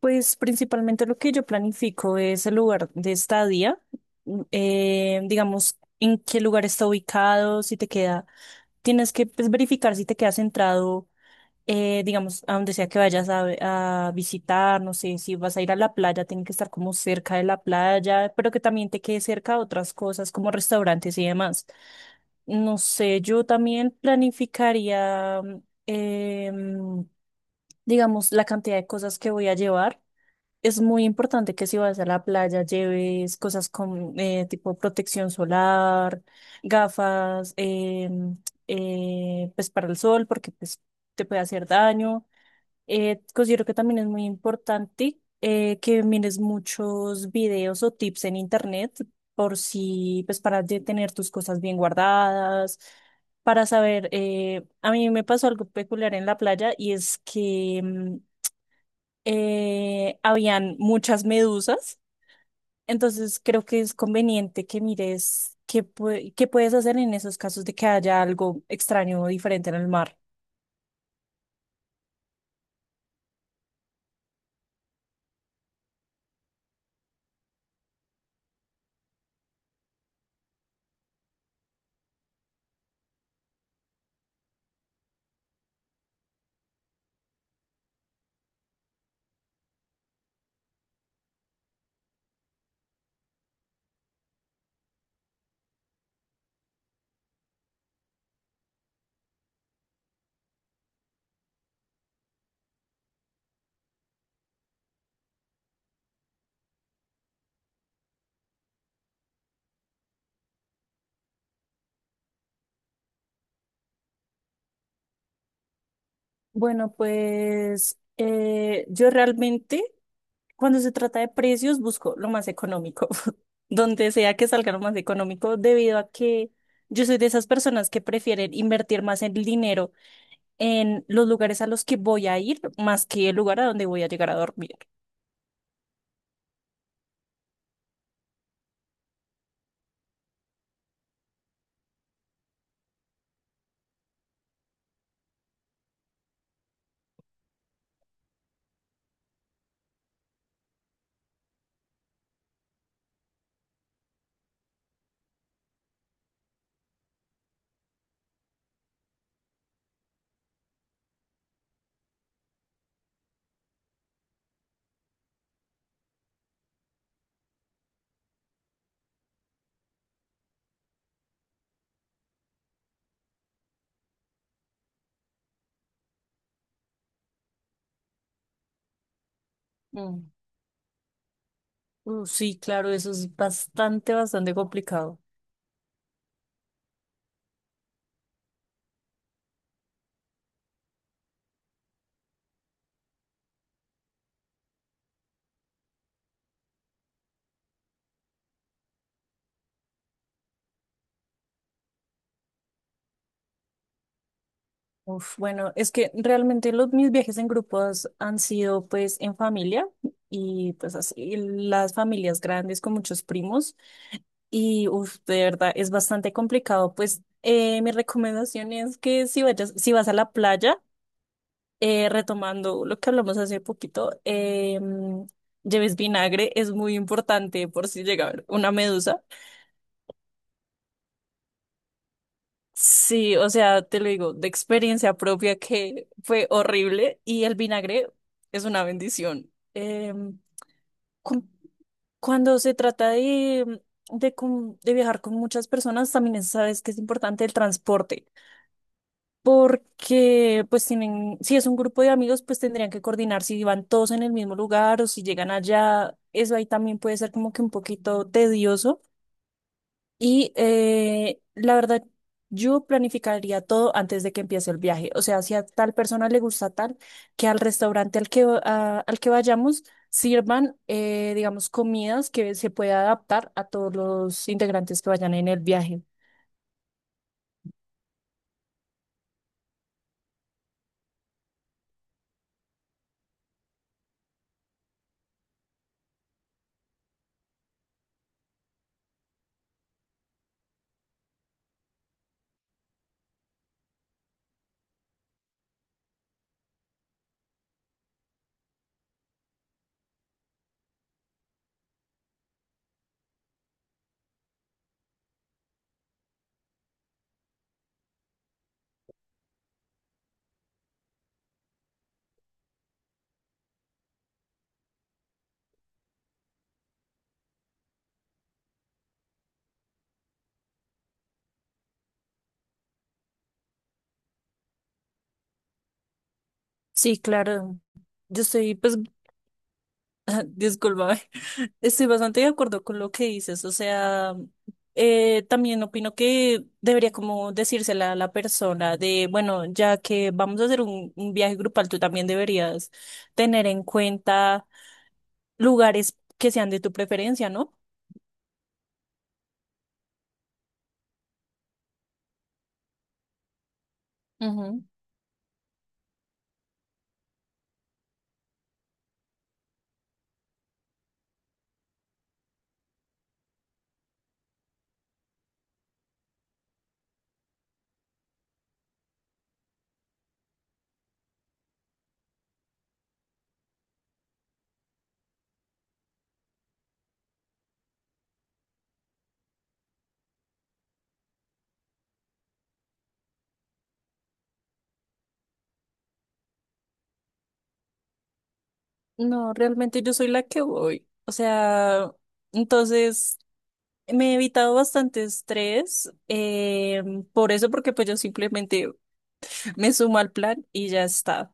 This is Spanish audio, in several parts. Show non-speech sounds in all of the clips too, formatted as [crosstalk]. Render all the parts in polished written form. Pues principalmente lo que yo planifico es el lugar de estadía. Digamos, en qué lugar está ubicado, si te queda, tienes que, pues, verificar si te queda centrado. Digamos, a donde sea que vayas a visitar, no sé, si vas a ir a la playa, tiene que estar como cerca de la playa, pero que también te quede cerca a otras cosas como restaurantes y demás. No sé, yo también planificaría, em, digamos, la cantidad de cosas que voy a llevar. Es muy importante que si vas a la playa lleves cosas con tipo protección solar, gafas. Pues para el sol, porque pues te puede hacer daño. Considero que también es muy importante que mires muchos videos o tips en internet por si, pues, para tener tus cosas bien guardadas, para saber, a mí me pasó algo peculiar en la playa, y es que habían muchas medusas. Entonces creo que es conveniente que mires qué, qué puedes hacer en esos casos de que haya algo extraño o diferente en el mar. Bueno, pues yo realmente, cuando se trata de precios, busco lo más económico, [laughs] donde sea que salga lo más económico, debido a que yo soy de esas personas que prefieren invertir más el dinero en los lugares a los que voy a ir, más que el lugar a donde voy a llegar a dormir. Sí, claro, eso es bastante, bastante complicado. Uf, bueno, es que realmente mis viajes en grupos han sido pues en familia, y pues así las familias grandes con muchos primos, y uf, de verdad es bastante complicado. Pues mi recomendación es que si vas a la playa, retomando lo que hablamos hace poquito, lleves vinagre, es muy importante por si llega a haber una medusa. Sí, o sea, te lo digo, de experiencia propia que fue horrible, y el vinagre es una bendición. Cu- Cuando se trata de, de viajar con muchas personas, también sabes que es importante el transporte, porque pues tienen, si es un grupo de amigos, pues tendrían que coordinar si van todos en el mismo lugar o si llegan allá. Eso ahí también puede ser como que un poquito tedioso. Y la verdad, yo planificaría todo antes de que empiece el viaje. O sea, si a tal persona le gusta tal, que al restaurante al que, al que vayamos, sirvan, digamos, comidas que se pueda adaptar a todos los integrantes que vayan en el viaje. Sí, claro. Yo estoy, pues... Disculpa, [laughs] estoy bastante de acuerdo con lo que dices. O sea, también opino que debería como decírsela a la persona de, bueno, ya que vamos a hacer un viaje grupal, tú también deberías tener en cuenta lugares que sean de tu preferencia, ¿no? Ujú. No, realmente yo soy la que voy. O sea, entonces me he evitado bastante estrés, por eso, porque pues yo simplemente me sumo al plan y ya está.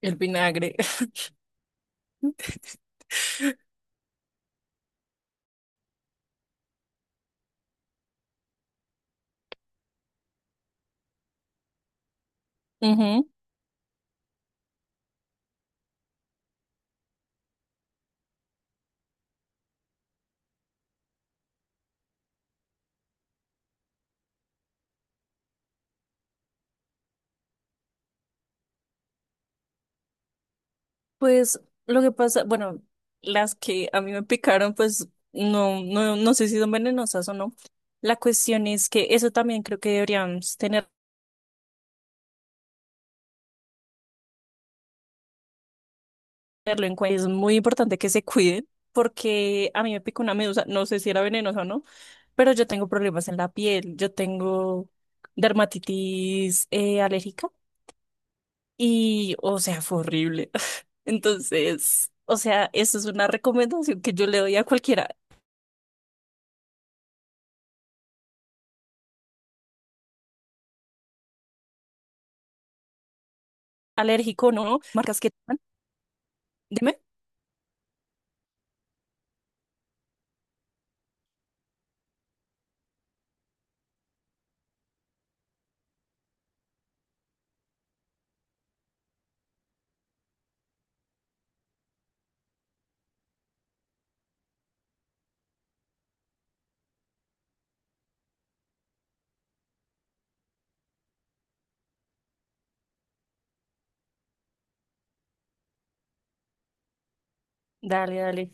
El vinagre. [laughs] Ujú. Pues lo que pasa, bueno, las que a mí me picaron, pues no, no, no sé si son venenosas o no. La cuestión es que eso también creo que deberíamos tenerlo en cuenta. Es muy importante que se cuiden, porque a mí me picó una medusa, no sé si era venenosa o no, pero yo tengo problemas en la piel, yo tengo dermatitis alérgica, y, o sea, fue horrible. Entonces, o sea, eso es una recomendación que yo le doy a cualquiera, alérgico o no, marcas que... Dime. Dale, dale.